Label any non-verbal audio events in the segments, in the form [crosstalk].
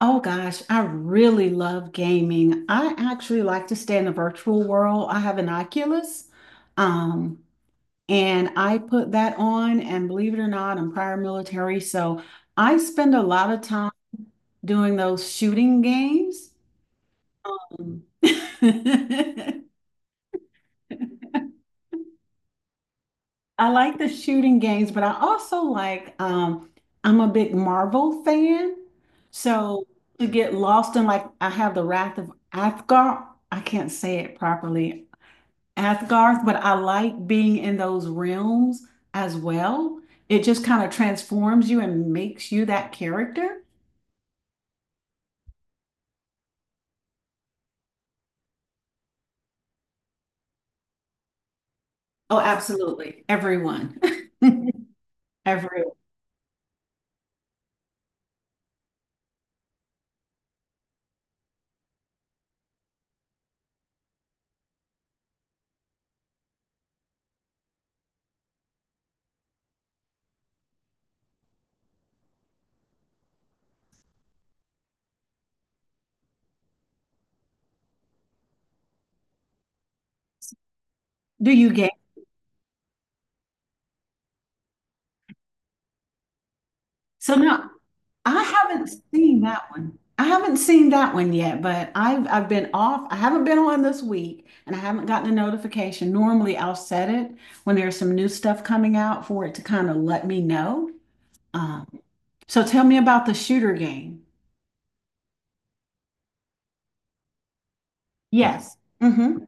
Oh gosh, I really love gaming. I actually like to stay in the virtual world. I have an Oculus, um, and I put that on, and believe it or not, I'm prior military, so I spend a lot of time doing those shooting games. [laughs] I like the shooting games, but I also like I'm a big Marvel fan. So to get lost in like I have the Wrath of Athgar, I can't say it properly. Asgarth, but I like being in those realms as well. It just kind of transforms you and makes you that character. Oh, absolutely. Everyone. [laughs] Everyone. Do you get? So now I haven't seen that one. I haven't seen that one yet, but I've been off. I haven't been on this week and I haven't gotten a notification. Normally I'll set it when there's some new stuff coming out for it to kind of let me know. Um, so tell me about the shooter game. Yes. Mm-hmm.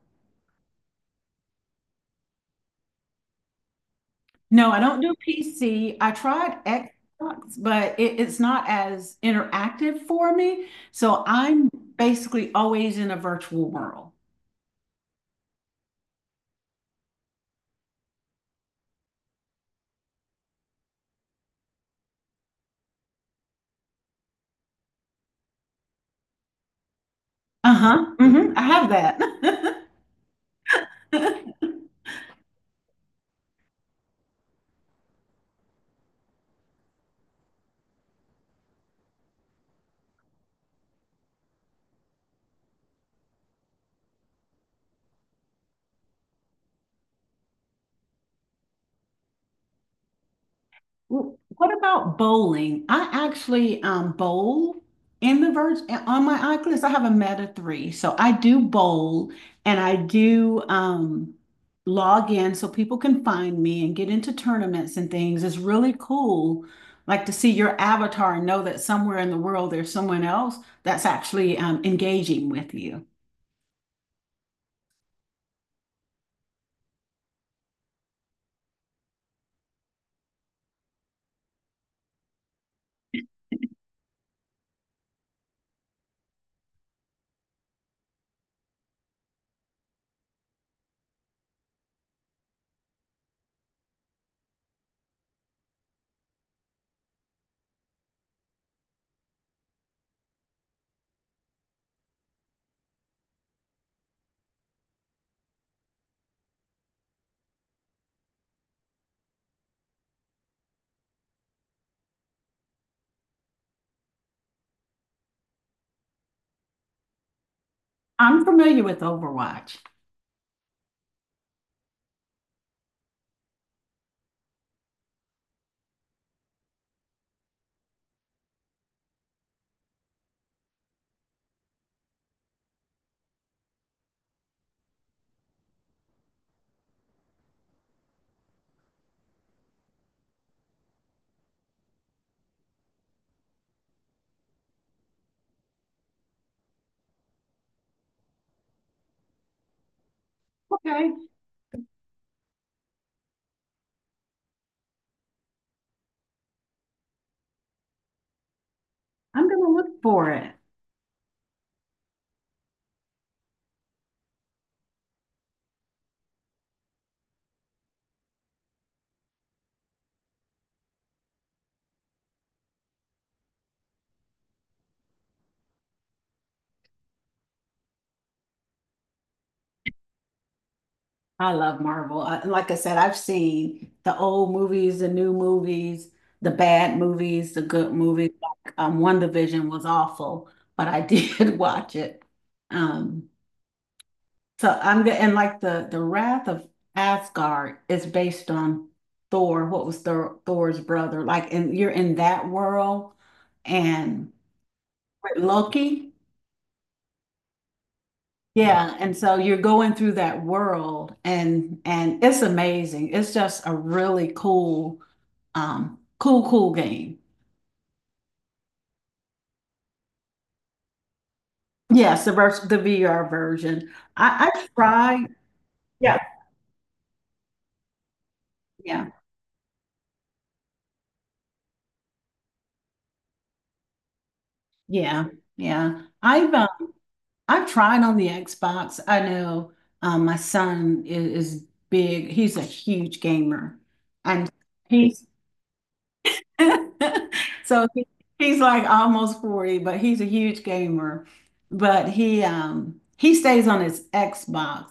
No, I don't do PC. I tried Xbox, but it's not as interactive for me. So I'm basically always in a virtual world. Uh-huh. hmm I have that. [laughs] Well, what about bowling? I actually bowl in the verge on my Oculus. I have a meta three, so I do bowl and I do, log in so people can find me and get into tournaments and things. It's really cool, like to see your avatar and know that somewhere in the world there's someone else that's actually, engaging with you. I'm familiar with Overwatch. Okay, I'm gonna look for it. I love Marvel. I, like I said, I've seen the old movies, the new movies, the bad movies, the good movies. Like, WandaVision was awful, but I [laughs] did watch it. Um, so I'm good. And like the Wrath of Asgard is based on Thor. What was Thor, Thor's brother? Like, and you're in that world, and with Loki. Yeah, and so you're going through that world and it's amazing. It's just a really cool cool game. Yes, the vers the VR version. I tried. Yeah, yeah, yeah, yeah. I've, I've tried on the Xbox. I know, my son is big. He's a huge gamer. And he's [laughs] so he's like almost 40, but he's a huge gamer. But he, he stays on his Xbox.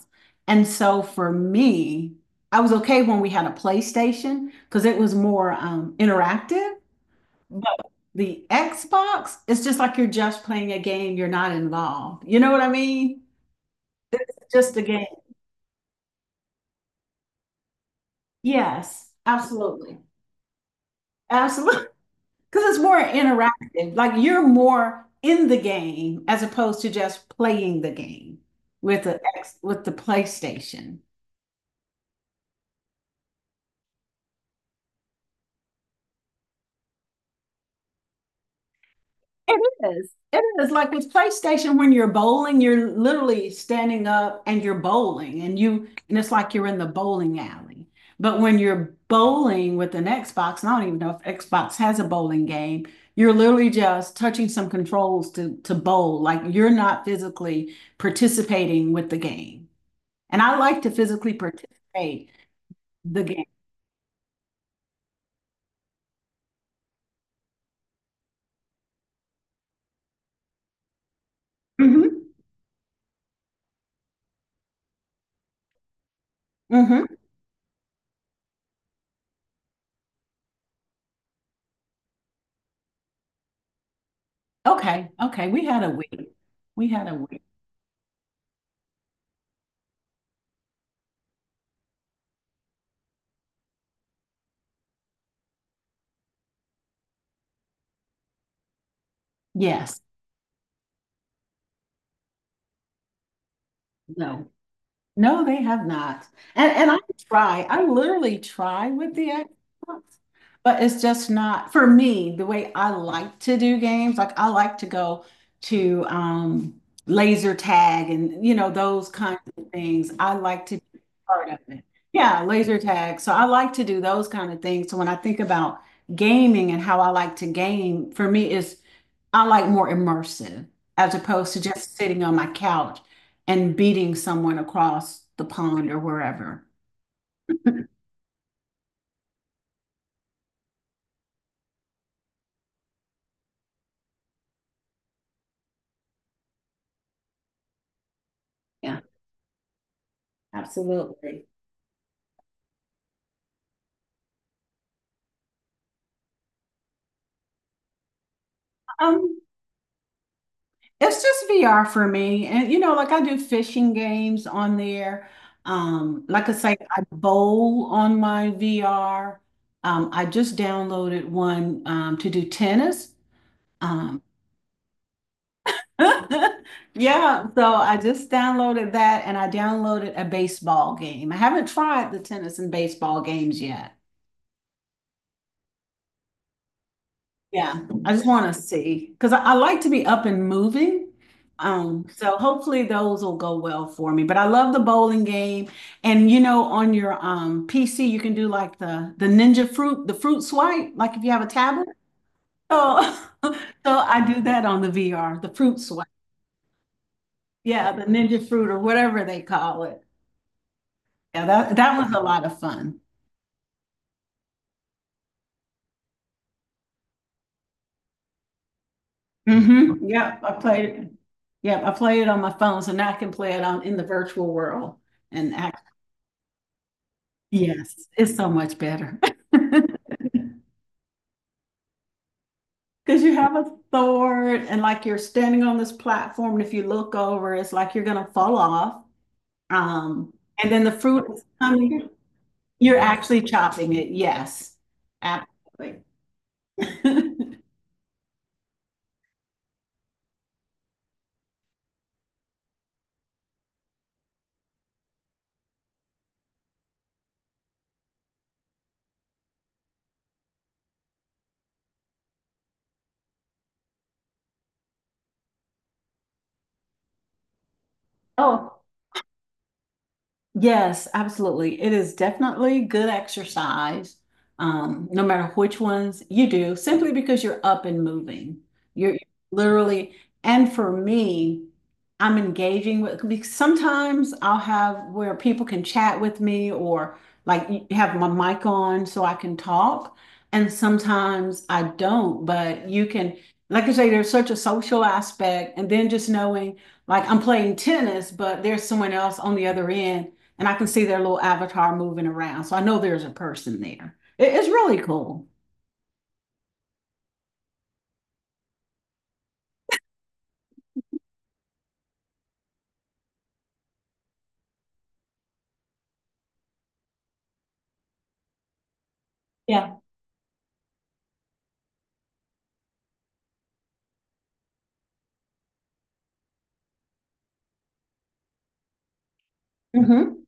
And so for me, I was okay when we had a PlayStation because it was more, interactive. But the Xbox, it's just like you're just playing a game, you're not involved. You know what I mean? It's just a game. Yes, absolutely. Absolutely. Because it's more interactive. Like you're more in the game as opposed to just playing the game with the X with the PlayStation. It is. It is like with PlayStation when you're bowling, you're literally standing up and you're bowling and you and it's like you're in the bowling alley. But when you're bowling with an Xbox, and I don't even know if Xbox has a bowling game, you're literally just touching some controls to bowl. Like you're not physically participating with the game. And I like to physically participate the game. Hmm hmm Okay. Okay. We had a week. We had a week. Yes. No. No, they have not. And I try, I literally try with the Xbox, but it's just not for me the way I like to do games. Like I like to go to, laser tag and you know those kinds of things. I like to be part of it. Yeah, laser tag. So I like to do those kind of things. So when I think about gaming and how I like to game, for me is I like more immersive as opposed to just sitting on my couch and beating someone across the pond or wherever. [laughs] Yeah, absolutely. Um, it's just VR for me. And you know, like I do fishing games on there. Like I say, I bowl on my VR. I just downloaded one, to do tennis. Um, [laughs] yeah, so I just downloaded that and I downloaded a baseball game. I haven't tried the tennis and baseball games yet. Yeah, I just want to see, because I like to be up and moving. So hopefully those will go well for me. But I love the bowling game. And you know, on your PC, you can do like the ninja fruit, the fruit swipe, like if you have a tablet. So, [laughs] so I do that on the VR, the fruit swipe. Yeah, the ninja fruit or whatever they call it. Yeah, that that was a lot of fun. Mm-hmm. Yep, I played it. Yep, I played it on my phone, so now I can play it on in the virtual world and actually. Yes, it's so much better. [laughs] Because you have a sword and like you're standing on this platform, and if you look over, it's like you're gonna fall off. Um, and then the fruit is coming. You're actually chopping it. Yes, absolutely. [laughs] Oh, yes, absolutely. It is definitely good exercise, no matter which ones you do, simply because you're up and moving. You're literally, and for me, I'm engaging with, because sometimes I'll have where people can chat with me or have my mic on so I can talk. And sometimes I don't, but you can, like I say, there's such a social aspect. And then just knowing, like, I'm playing tennis, but there's someone else on the other end and I can see their little avatar moving around. So I know there's a person there. It's really cool. Yeah. Mm-hmm.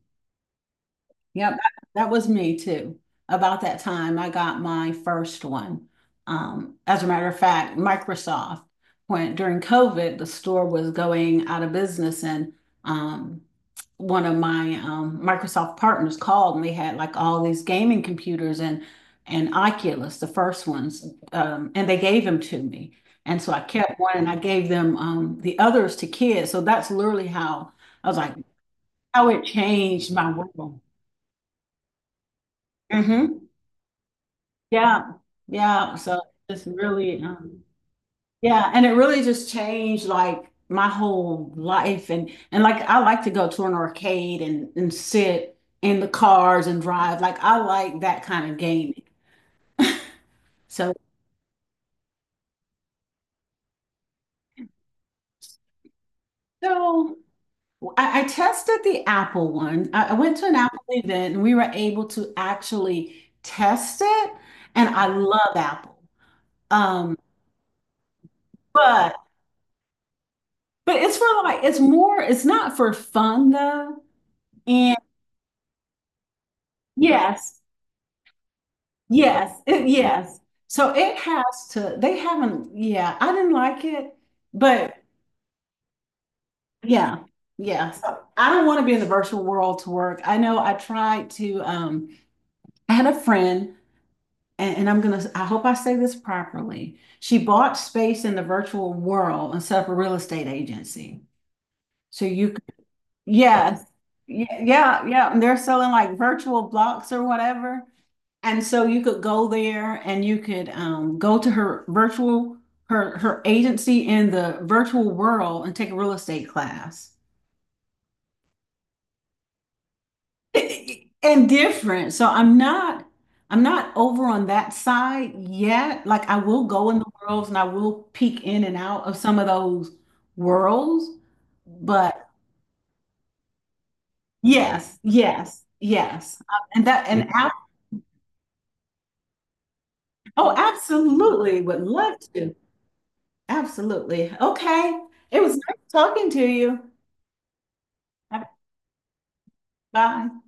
Yep, that was me too. About that time, I got my first one. As a matter of fact, Microsoft, when during COVID, the store was going out of business, and, um, one of my, Microsoft partners called, and they had like all these gaming computers and Oculus, the first ones, and they gave them to me. And so I kept one, and I gave them, the others to kids. So that's literally how I was like, how it changed my world. Mhm. Yeah, yeah. So it's really, yeah, and it really just changed like my whole life. And like I like to go to an arcade and sit in the cars and drive. Like I like that kind of gaming. So so I tested the Apple one. I went to an Apple event and we were able to actually test it. And I love Apple. Um, but it's for like it's more. It's not for fun though. Yes, yes, yes. So it has to, they haven't, yeah, I didn't like it, but yeah, yeah. So I don't want to be in the virtual world to work. I know I tried to, I had a friend, and I'm gonna, I hope I say this properly. She bought space in the virtual world and set up a real estate agency. So you, could- yes, yeah, yeah, yeah. And they're selling like virtual blocks or whatever. And so you could go there and you could, go to her virtual, her agency in the virtual world and take a real estate class. [laughs] And different. So I'm not over on that side yet. Like I will go in the worlds and I will peek in and out of some of those worlds. But yes, yes, yes. And that and ab- oh, absolutely would love to. Absolutely. Okay. It was nice talking to you. Bye.